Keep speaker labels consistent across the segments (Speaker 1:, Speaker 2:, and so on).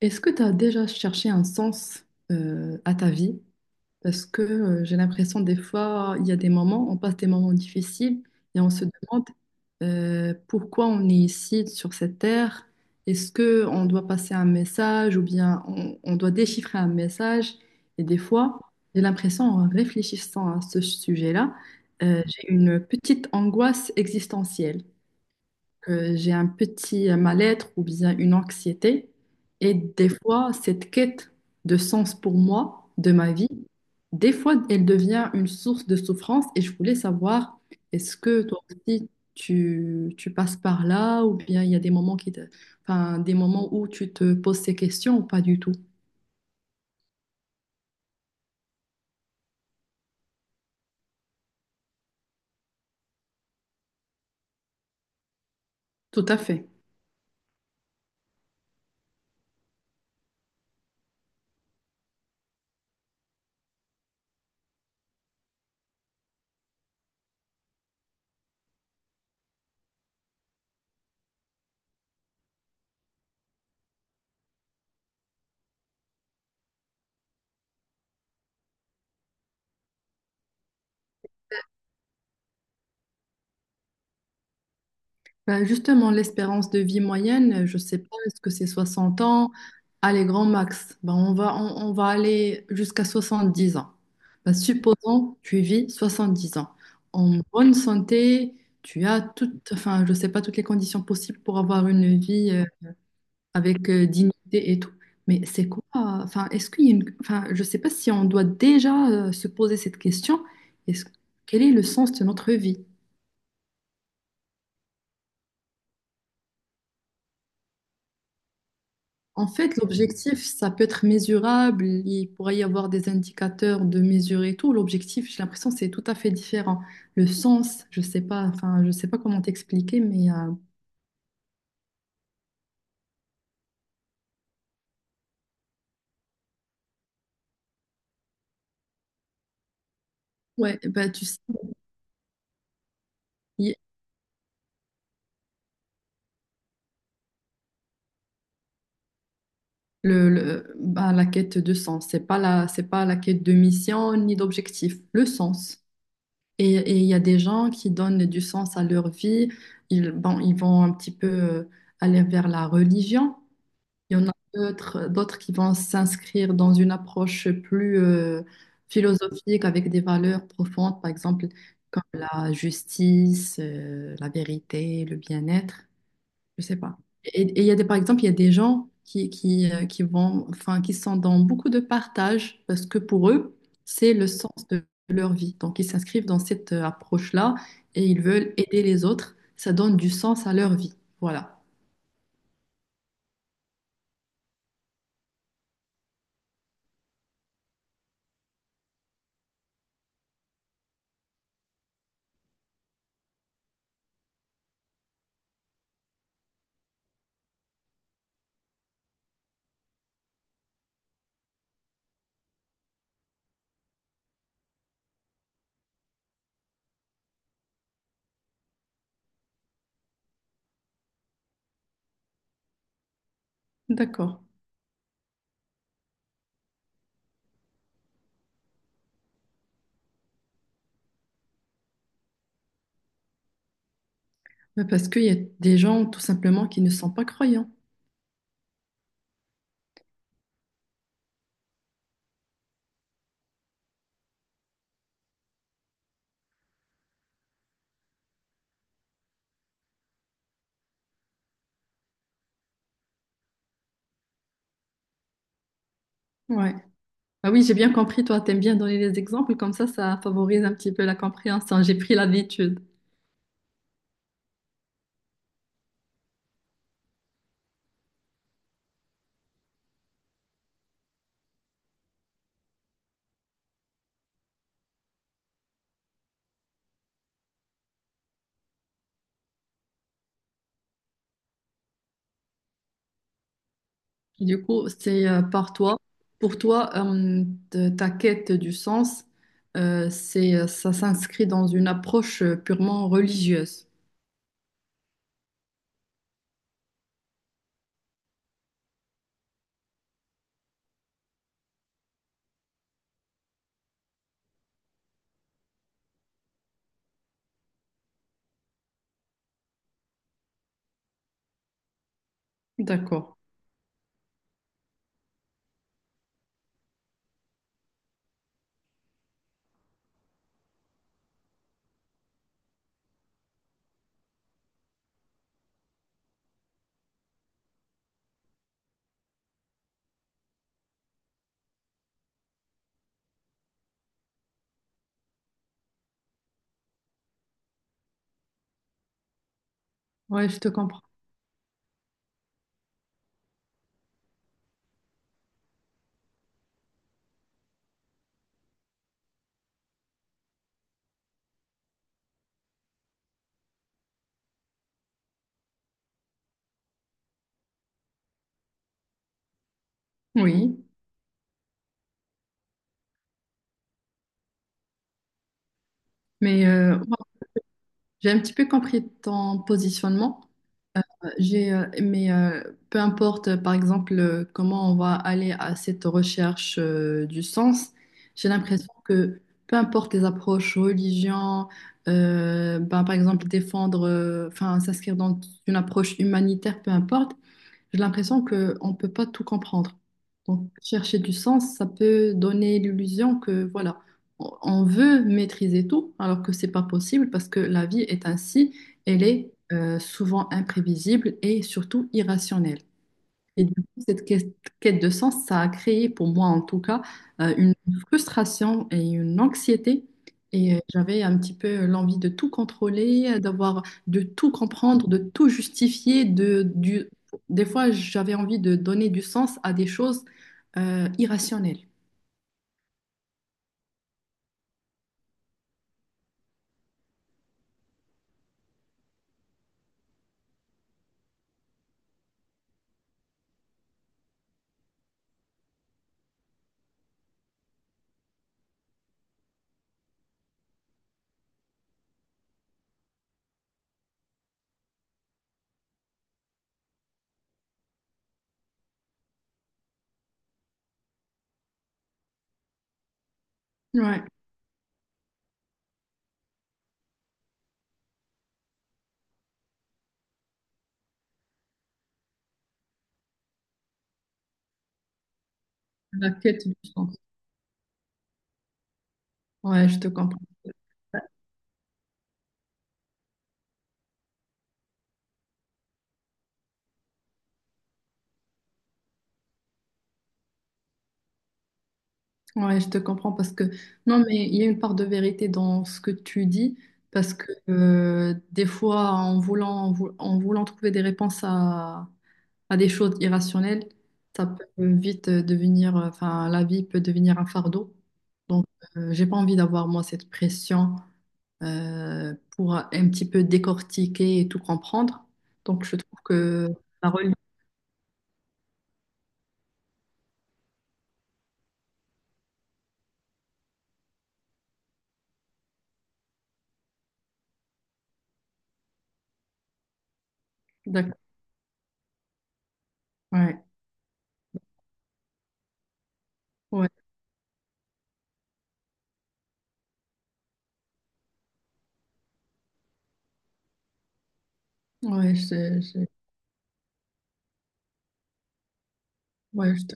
Speaker 1: Est-ce que tu as déjà cherché un sens à ta vie? Parce que j'ai l'impression des fois, il y a des moments, on passe des moments difficiles et on se demande pourquoi on est ici sur cette terre. Est-ce que on doit passer un message ou bien on doit déchiffrer un message? Et des fois, j'ai l'impression, en réfléchissant à ce sujet-là, j'ai une petite angoisse existentielle que j'ai un petit mal-être ou bien une anxiété. Et des fois, cette quête de sens pour moi, de ma vie, des fois, elle devient une source de souffrance. Et je voulais savoir, est-ce que toi aussi, tu passes par là ou bien il y a des moments qui enfin, des moments où tu te poses ces questions ou pas du tout? Tout à fait. Ben, justement, l'espérance de vie moyenne, je sais pas, est-ce que c'est 60 ans? Allez, grand max. Ben, on va aller jusqu'à 70 ans. Ben, supposons, tu vis 70 ans. En bonne santé, tu as toutes, enfin, je sais pas, toutes les conditions possibles pour avoir une vie avec dignité et tout. Mais c'est quoi? Enfin, est-ce qu'il y a une, enfin, je sais pas si on doit déjà se poser cette question. Est-ce, quel est le sens de notre vie? En fait, l'objectif, ça peut être mesurable, il pourrait y avoir des indicateurs de mesure et tout. L'objectif, j'ai l'impression, c'est tout à fait différent. Le sens, je sais pas, enfin, je sais pas comment t'expliquer, mais ouais, bah, tu sais, il- bah, la quête de sens, c'est pas la quête de mission ni d'objectif, le sens. Et il y a des gens qui donnent du sens à leur vie, ils, bon, ils vont un petit peu aller vers la religion. Il y en a d'autres, d'autres qui vont s'inscrire dans une approche plus philosophique avec des valeurs profondes, par exemple, comme la justice, la vérité, le bien-être, je sais pas. Et il y a des, par exemple, il y a des gens qui vont, enfin, qui sont dans beaucoup de partage parce que pour eux, c'est le sens de leur vie. Donc, ils s'inscrivent dans cette approche-là et ils veulent aider les autres. Ça donne du sens à leur vie. Voilà. D'accord. Ouais, parce qu'il y a des gens tout simplement qui ne sont pas croyants. Ouais. Ah oui, j'ai bien compris, toi, t'aimes bien donner des exemples, comme ça favorise un petit peu la compréhension. J'ai pris l'habitude. Du coup, c'est par toi. Pour toi, ta quête du sens, ça s'inscrit dans une approche purement religieuse. D'accord. Ouais, je te comprends. Oui. Mais moi, j'ai un petit peu compris ton positionnement. J'ai, mais peu importe, par exemple, comment on va aller à cette recherche du sens, j'ai l'impression que peu importe les approches religion, ben, par exemple défendre, enfin s'inscrire dans une approche humanitaire, peu importe, j'ai l'impression qu'on ne peut pas tout comprendre. Donc, chercher du sens, ça peut donner l'illusion que, voilà, on veut maîtriser tout, alors que c'est pas possible parce que la vie est ainsi, elle est souvent imprévisible et surtout irrationnelle. Et du coup, cette quête quête de sens, ça a créé pour moi en tout cas une frustration et une anxiété. Et j'avais un petit peu l'envie de tout contrôler, de tout comprendre, de tout justifier. De, du... Des fois, j'avais envie de donner du sens à des choses irrationnelles. Ouais, la quête du sens. Ouais, je te comprends. Ouais, je te comprends parce que non, mais il y a une part de vérité dans ce que tu dis parce que des fois, en voulant trouver des réponses à des choses irrationnelles, ça peut vite enfin, la vie peut devenir un fardeau. Donc, j'ai pas envie d'avoir moi cette pression pour un petit peu décortiquer et tout comprendre. Donc, je trouve que la religion, d'accord, ouais, ouais, ouais, ouais,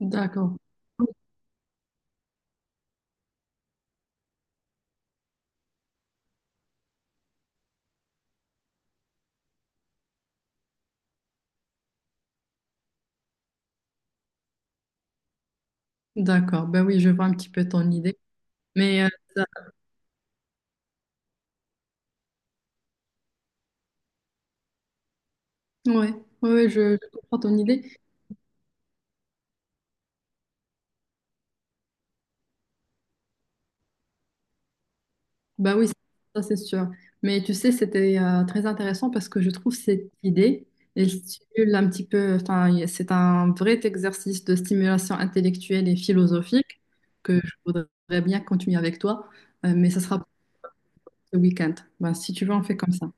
Speaker 1: d'accord. D'accord, ben oui, je vois un petit peu ton idée. Mais ça- ouais, ouais, ouais, je comprends ton idée. Ben oui, ça c'est sûr. Mais tu sais, c'était très intéressant parce que je trouve cette idée, elle stimule un petit peu, enfin, c'est un vrai exercice de stimulation intellectuelle et philosophique que je voudrais bien continuer avec toi, mais ça sera pour ce week-end. Ben, si tu veux, on fait comme ça.